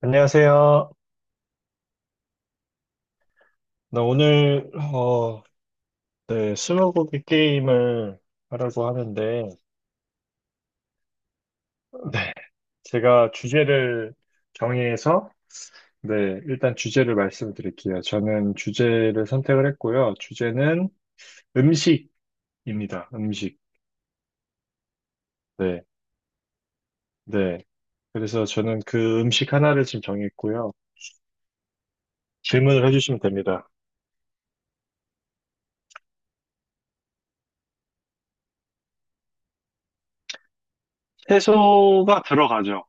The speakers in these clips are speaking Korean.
안녕하세요. 나 오늘 네, 스무고개 게임을 하려고 하는데 네, 제가 주제를 정해서 네, 일단 주제를 말씀드릴게요. 저는 주제를 선택을 했고요. 주제는 음식입니다. 음식. 네. 네. 그래서 저는 그 음식 하나를 지금 정했고요. 질문을 해주시면 됩니다. 채소가 들어가죠.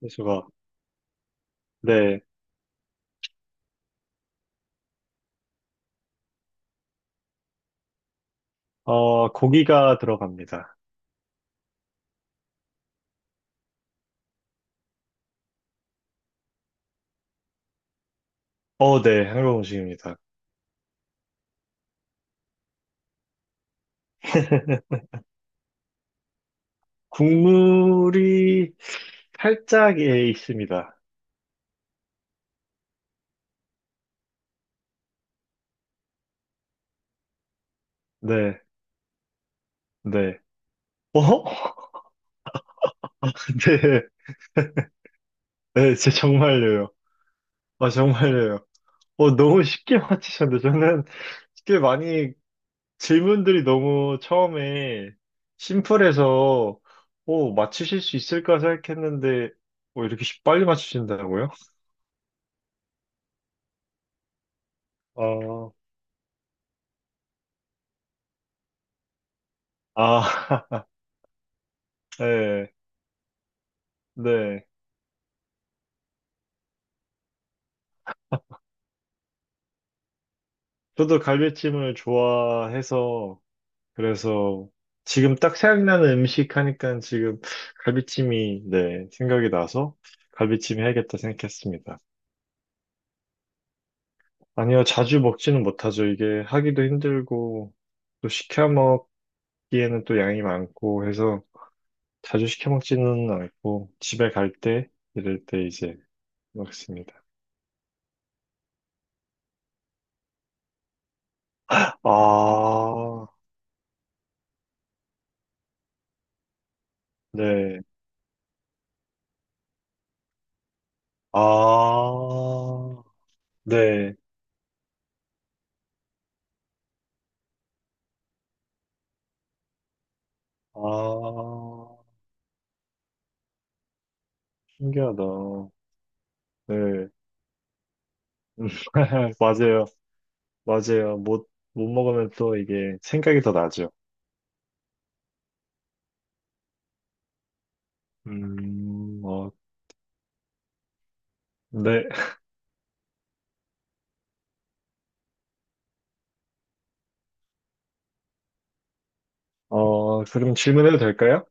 채소가. 네. 고기가 들어갑니다. 어, 네. 한국 음식입니다. 국물이 살짝 예, 있습니다. 네, 네. 어? 네, 네, 제 정말요. 아, 정말요. 너무 쉽게 맞히셨는데 저는 쉽게 많이 질문들이 너무 처음에 심플해서 맞추실 수 있을까 생각했는데 이렇게 빨리 맞추신다고요? 아, 아, 네, 네. 저도 갈비찜을 좋아해서 그래서 지금 딱 생각나는 음식 하니까 지금 갈비찜이 네, 생각이 나서 갈비찜 해야겠다 생각했습니다. 아니요, 자주 먹지는 못하죠. 이게 하기도 힘들고 또 시켜 먹기에는 또 양이 많고 해서 자주 시켜 먹지는 않고 집에 갈 때 이럴 때 이제 먹습니다. 아, 네. 아, 네. 아, 신기하다. 네. 맞아요. 맞아요. 못 먹으면 또 이게 생각이 더 나죠. 어, 네. 어, 그럼 질문해도 될까요?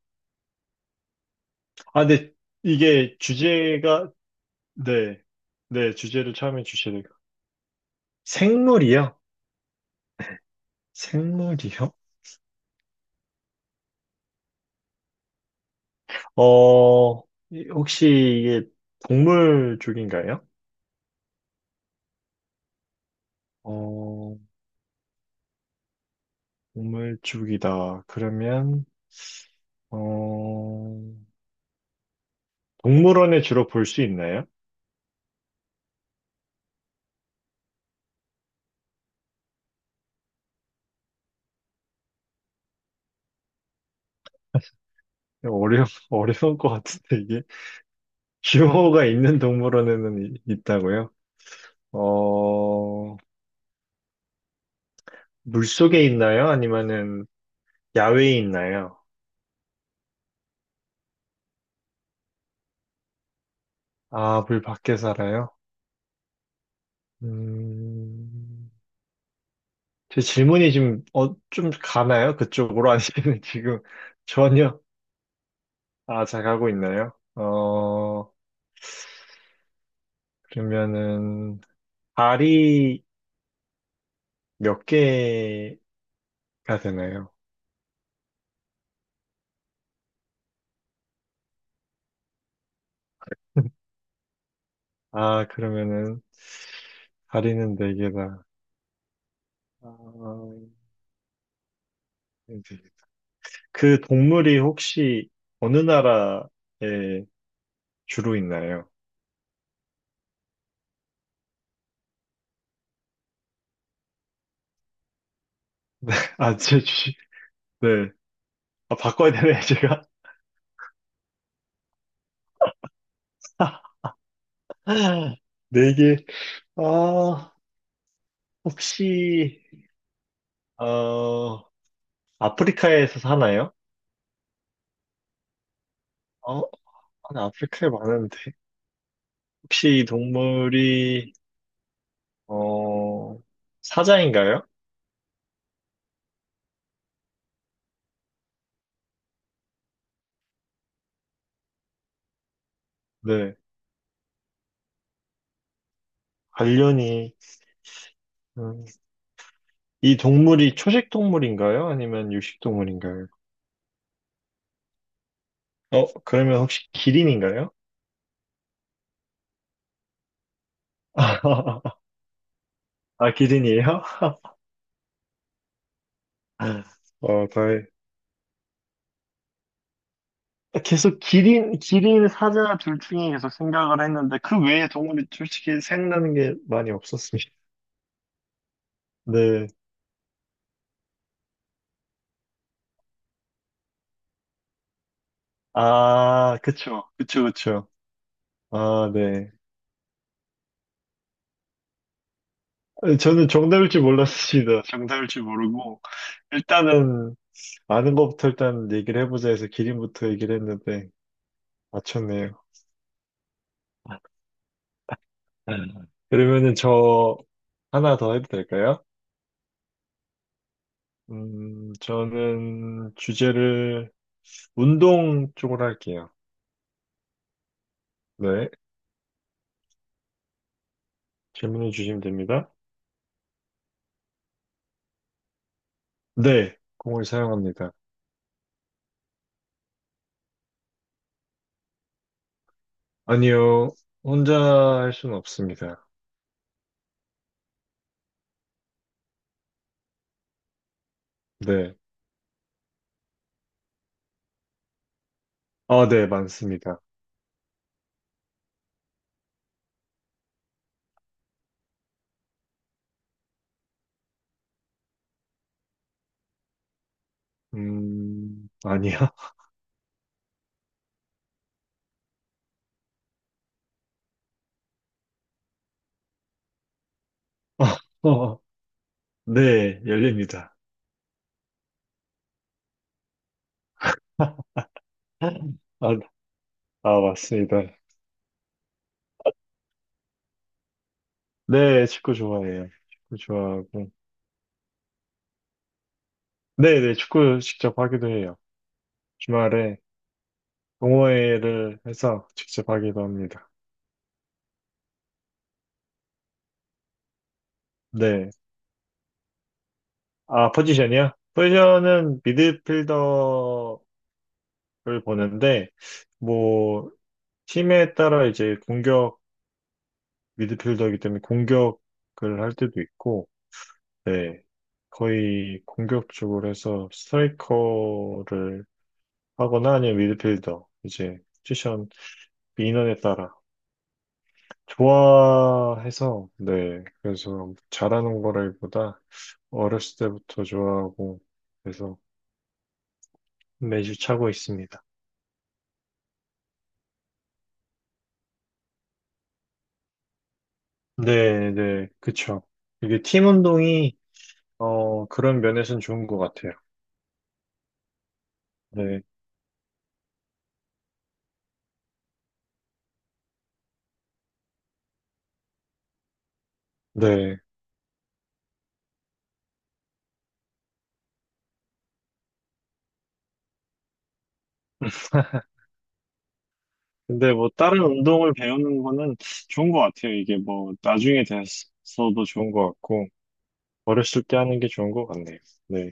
아, 근데 이게 주제가, 네. 네, 주제를 처음에 주셔야 돼요. 생물이요? 생물이요? 어, 혹시 이게 동물 쪽인가요? 어, 동물 쪽이다. 그러면, 어, 동물원에 주로 볼 수 있나요? 어려, 어려울 것 같은데, 이게. 규모가 있는 동물원에는 있다고요? 어, 물속에 있나요? 아니면은 야외에 있나요? 아, 물 밖에 살아요? 음, 제 질문이 지금, 어, 좀 가나요? 그쪽으로? 아니면 지금 전혀, 아, 잘 가고 있나요? 어, 그러면은, 발이 몇 개가 되나요? 아, 그러면은, 다리는 네 개다. 아, 네. 그 동물이 혹시 어느 나라에 주로 있나요? 네, 아, 제 주식. 네. 아, 바꿔야 되네, 제가. 네 개. 아, 혹시, 어, 아프리카에서 사나요? 어, 아니, 아프리카에 많은데. 혹시 이 동물이, 어, 사자인가요? 네. 관련이, 음, 이 동물이 초식 동물인가요? 아니면 육식 동물인가요? 어, 그러면 혹시 기린인가요? 아, 기린이에요? 어, 다행. 계속 기린, 기린 사자 둘 중에 계속 생각을 했는데, 그 외에 동물이 솔직히 생각나는 게 많이 없었습니다. 네. 아, 그쵸. 그쵸, 그쵸. 아, 네. 저는 정답일 줄 몰랐습니다. 정답일 줄 모르고, 일단은, 아는 것부터 일단 얘기를 해보자 해서 기린부터 얘기를 했는데, 맞췄네요. 음. 그러면은 저 하나 더 해도 될까요? 저는 주제를 운동 쪽으로 할게요. 네, 질문해 주시면 됩니다. 네, 공을 사용합니다. 아니요, 혼자 할 수는 없습니다. 네, 아, 네, 많습니다. 아니요. 어, 어, 네, 열립니다. 아, 아, 맞습니다. 네, 축구 좋아해요. 축구 좋아하고. 네, 네, 축구 직접 하기도 해요. 주말에 동호회를 해서 직접 하기도 합니다. 네. 아, 포지션이요? 포지션은 미드필더를 보는데, 뭐, 팀에 따라 이제 공격, 미드필더이기 때문에 공격을 할 때도 있고, 네. 거의 공격 쪽으로 해서 스트라이커를 하거나 아니면 미드필더, 이제 포지션 인원에 따라 좋아해서, 네. 그래서 잘하는 거라기보다 어렸을 때부터 좋아하고, 그래서 매주 차고 있습니다. 네, 네, 그쵸. 이게 팀 운동이, 그런 면에서는 좋은 것 같아요. 네, 네. 근데 뭐, 다른 운동을 배우는 거는 좋은 것 같아요. 이게 뭐, 나중에 돼서도 좋은 것 같고, 어렸을 때 하는 게 좋은 것 같네요. 네,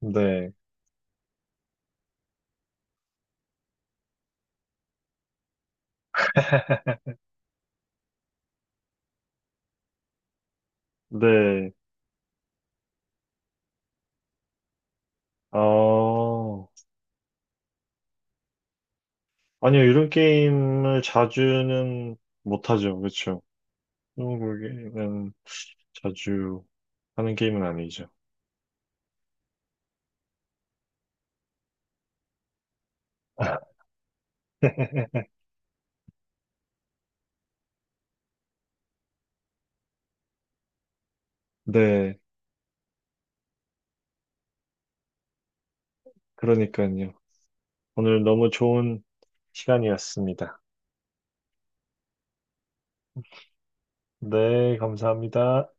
네, 네. 어, 아니요, 이런 게임을 자주는 못하죠. 그쵸. 스무고개 게임은 자주 하는 게임은 아니죠. 네, 그러니까요. 오늘 너무 좋은 시간이었습니다. 네, 감사합니다.